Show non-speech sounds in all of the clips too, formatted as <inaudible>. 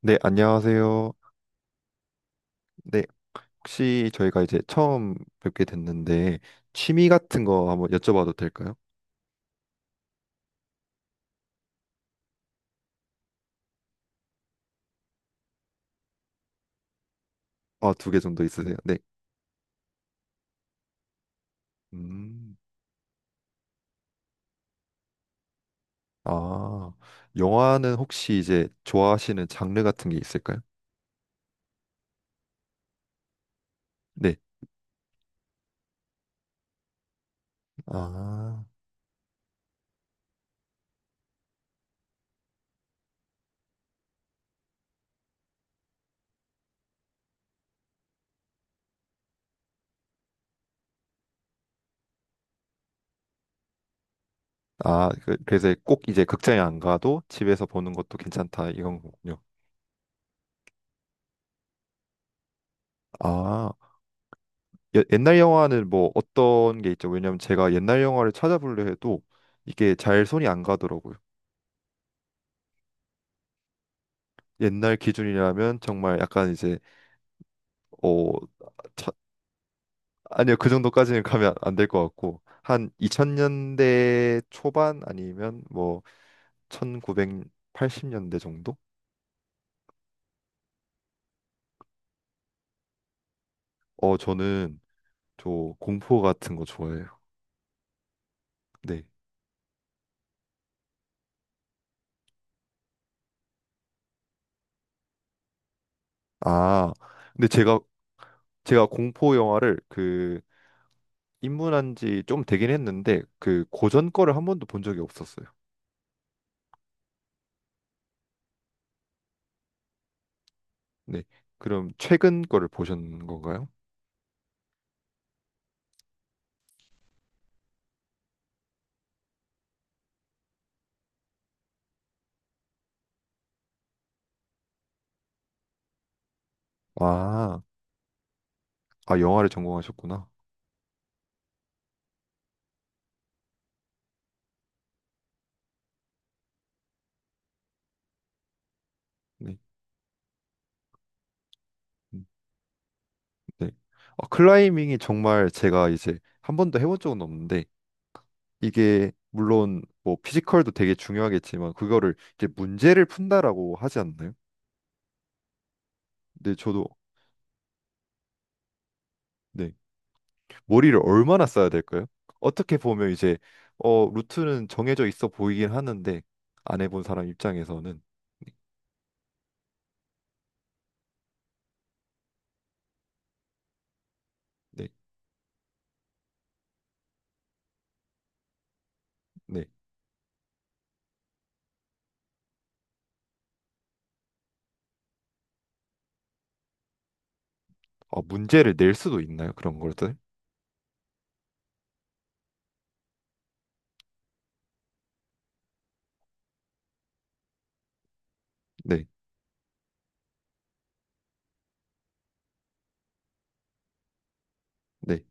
네, 안녕하세요. 네, 혹시 저희가 이제 처음 뵙게 됐는데 취미 같은 거 한번 여쭤봐도 될까요? 아, 두 개 정도 있으세요? 네. 음. 아, 영화는 혹시 이제 좋아하시는 장르 같은 게 있을까요? 네. 아. 아, 그래서 꼭 이제 극장에 안 가도 집에서 보는 것도 괜찮다 이런 거군요. 아, 옛날 영화는 뭐 어떤 게 있죠? 왜냐면 제가 옛날 영화를 찾아보려 해도 이게 잘 손이 안 가더라고요. 옛날 기준이라면 정말 약간 이제 어 차- 아니요 그 정도까지는 가면 안 될 것 같고 한 2000년대 초반 아니면 뭐 1980년대 정도? 어 저는 저 공포 같은 거 좋아해요. 네. 아 근데 제가 공포 영화를 그 입문한 지 좀 되긴 했는데 그 고전 거를 한 번도 본 적이 없었어요. 네. 그럼 최근 거를 보신 건가요? 아, 아 영화를 전공하셨구나. 네. 네. 클라이밍이 정말 제가 이제 한 번도 해본 적은 없는데 이게 물론 뭐 피지컬도 되게 중요하겠지만 그거를 이제 문제를 푼다라고 하지 않나요? 근데 저도 네. 머리를 얼마나 써야 될까요? 어떻게 보면 이제 루트는 정해져 있어 보이긴 하는데 안 해본 사람 입장에서는 네. 네. 아, 문제를 낼 수도 있나요? 그런 것들? 네. 네.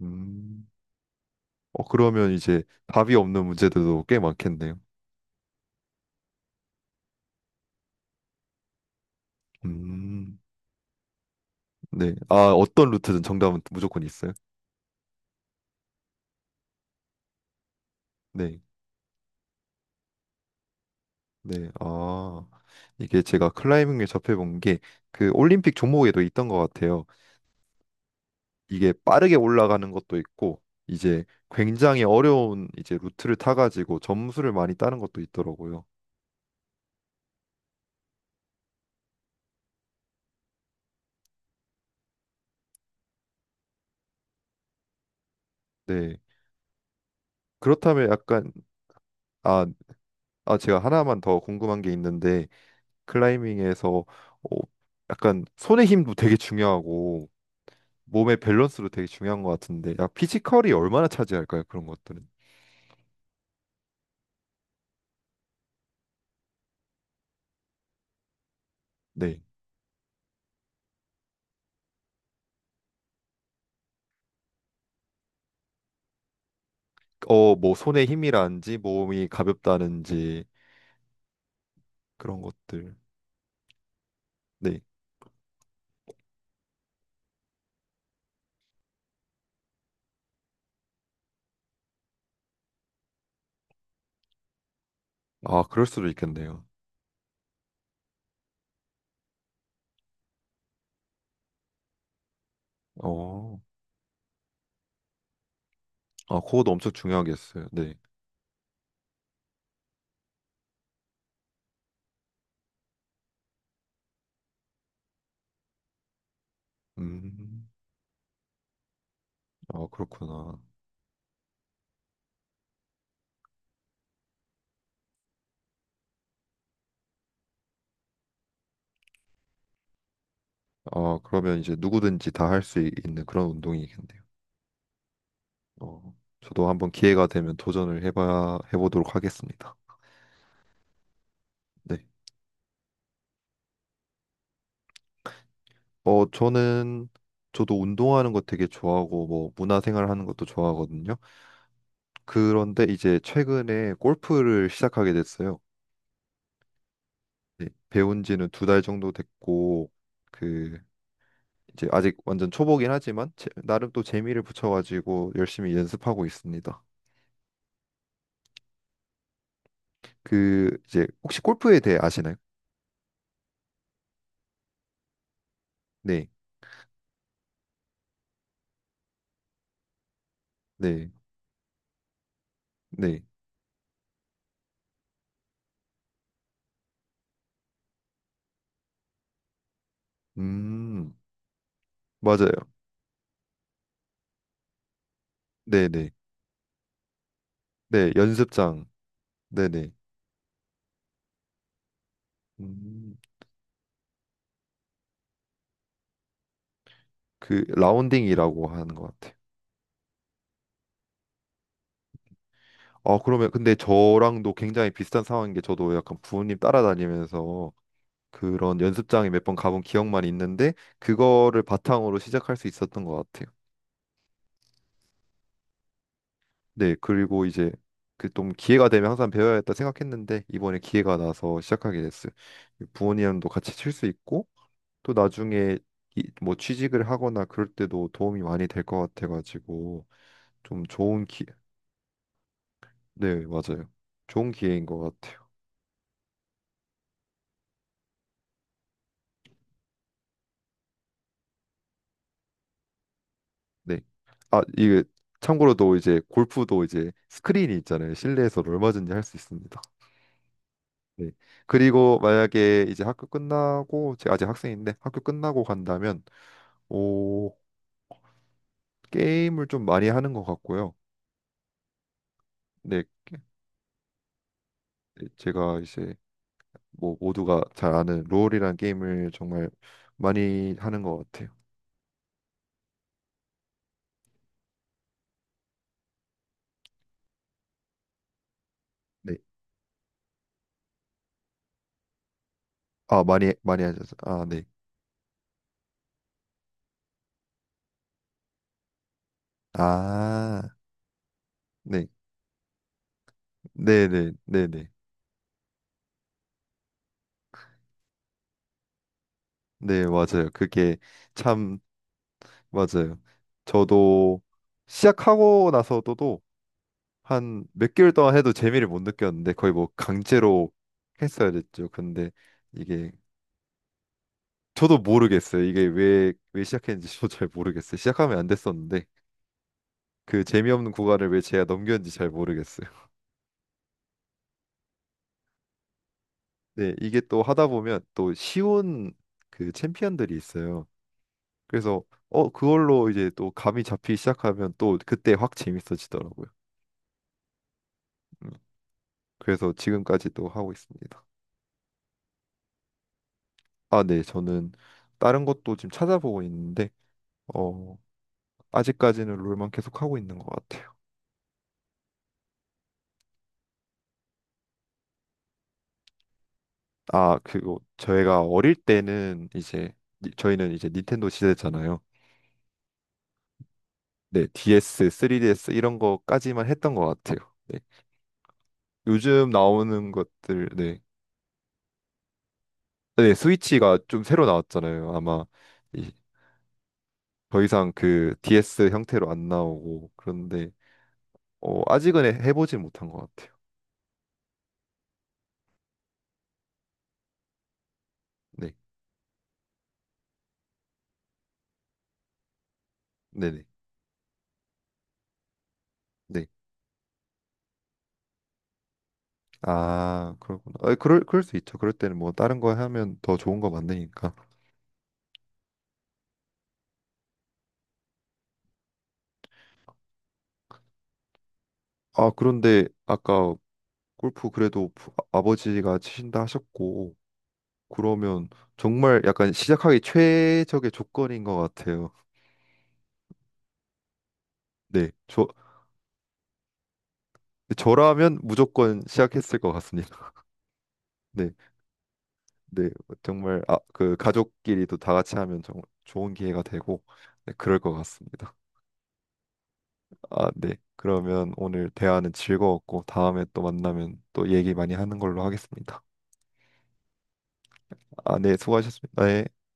음. 그러면 이제 답이 없는 문제들도 꽤 많겠네요. 음. 네. 아, 어떤 루트든 정답은 무조건 있어요. 네. 네. 아, 이게 제가 클라이밍을 접해본 게 그 올림픽 종목에도 있던 것 같아요. 이게 빠르게 올라가는 것도 있고, 이제 굉장히 어려운 이제 루트를 타가지고 점수를 많이 따는 것도 있더라고요. 네. 그렇다면 약간, 아, 아, 제가 하나만 더 궁금한 게 있는데, 클라이밍에서 약간 손의 힘도 되게 중요하고, 몸의 밸런스도 되게 중요한 것 같은데, 약 피지컬이 얼마나 차지할까요? 그런 것들은. 네. 뭐 손에 힘이라는지 몸이 가볍다는지 그런 것들. 네. 아, 그럴 수도 있겠네요. 어. 아, 그것도 엄청 중요하겠어요. 네. 음. 아, 그렇구나. 아, 그러면 이제 누구든지 다 할 수 있는 그런 운동이겠네요. 어. 저도 한번 기회가 되면 도전을 해봐 해보도록 하겠습니다. 네. 어, 저는 저도 운동하는 거 되게 좋아하고 뭐 문화생활 하는 것도 좋아하거든요. 그런데 이제 최근에 골프를 시작하게 됐어요. 네, 배운 지는 두 달 정도 됐고 그 이제 아직 완전 초보긴 하지만 나름 또 재미를 붙여가지고 열심히 연습하고 있습니다. 그 이제 혹시 골프에 대해 아시나요? 네, 네, 네. 음, 맞아요. 네, 네, 네. 연습장. 네, 네. 음, 그 라운딩이라고 하는 것 같아요. 아, 그러면 근데 저랑도 굉장히 비슷한 상황인 게 저도 약간 부모님 따라다니면서 그런 연습장에 몇 번 가본 기억만 있는데 그거를 바탕으로 시작할 수 있었던 것 같아요. 네, 그리고 이제 그 좀 기회가 되면 항상 배워야겠다 생각했는데 이번에 기회가 나서 시작하게 됐어요. 부모님도 같이 칠 수 있고 또 나중에 뭐 취직을 하거나 그럴 때도 도움이 많이 될 것 같아가지고 좀 좋은 기, 네, 맞아요. 좋은 기회인 것 같아요. 네. 아, 이게 참고로도 이제 골프도 이제 스크린이 있잖아요. 실내에서 얼마든지 할 수 있습니다. 네. 그리고 만약에 이제 학교 끝나고 제가 아직 학생인데 학교 끝나고 간다면 오, 게임을 좀 많이 하는 것 같고요. 네, 제가 이제 뭐 모두가 잘 아는 롤이라는 게임을 정말 많이 하는 것 같아요. 네, 아 많이 많이 하셔아 네, 아 네, 네, 네, 네, 네, 네 맞아요. 그게 참 맞아요. 저도 시작하고 나서도 한 몇 개월 동안 해도 재미를 못 느꼈는데 거의 뭐 강제로 했어야 됐죠. 근데 이게 저도 모르겠어요. 이게 왜 시작했는지 저도 잘 모르겠어요. 시작하면 안 됐었는데 그 재미없는 구간을 왜 제가 넘겼는지 잘 모르겠어요. <laughs> 네, 이게 또 하다 보면 또 쉬운 그 챔피언들이 있어요. 그래서 그걸로 이제 또 감이 잡히기 시작하면 또 그때 확 재밌어지더라고요. 음, 그래서 지금까지도 하고 있습니다. 아, 네, 저는 다른 것도 지금 찾아보고 있는데. 어, 아직까지는 롤만 계속 하고 있는 것 같아요. 아, 그리고 저희가 어릴 때는 이제 저희는 이제 닌텐도 시대잖아요. 네, DS, 3DS 이런 거까지만 했던 것 같아요. 네. 요즘 나오는 것들, 네, 네, 스위치가 좀 새로 나왔잖아요. 아마 이, 더 이상 그 DS 형태로 안 나오고 그런데 아직은 해보진 못한 것 같아요. 네, 네, 네, 네. 아, 그렇구나. 아, 그럴 수 있죠. 그럴 때는 뭐 다른 거 하면 더 좋은 거 만드니까. 아, 그런데 아까 골프 그래도 아버지가 치신다 하셨고, 그러면 정말 약간 시작하기 최적의 조건인 것 같아요. 네, 저라면 무조건 시작했을 것 같습니다. <laughs> 네, 네, 정말 아, 그 가족끼리도 다 같이 하면 정말 좋은 기회가 되고, 네, 그럴 것 같습니다. 아, 네, 그러면 오늘 대화는 즐거웠고, 다음에 또 만나면 또 얘기 많이 하는 걸로 하겠습니다. 아, 네, 수고하셨습니다. 네.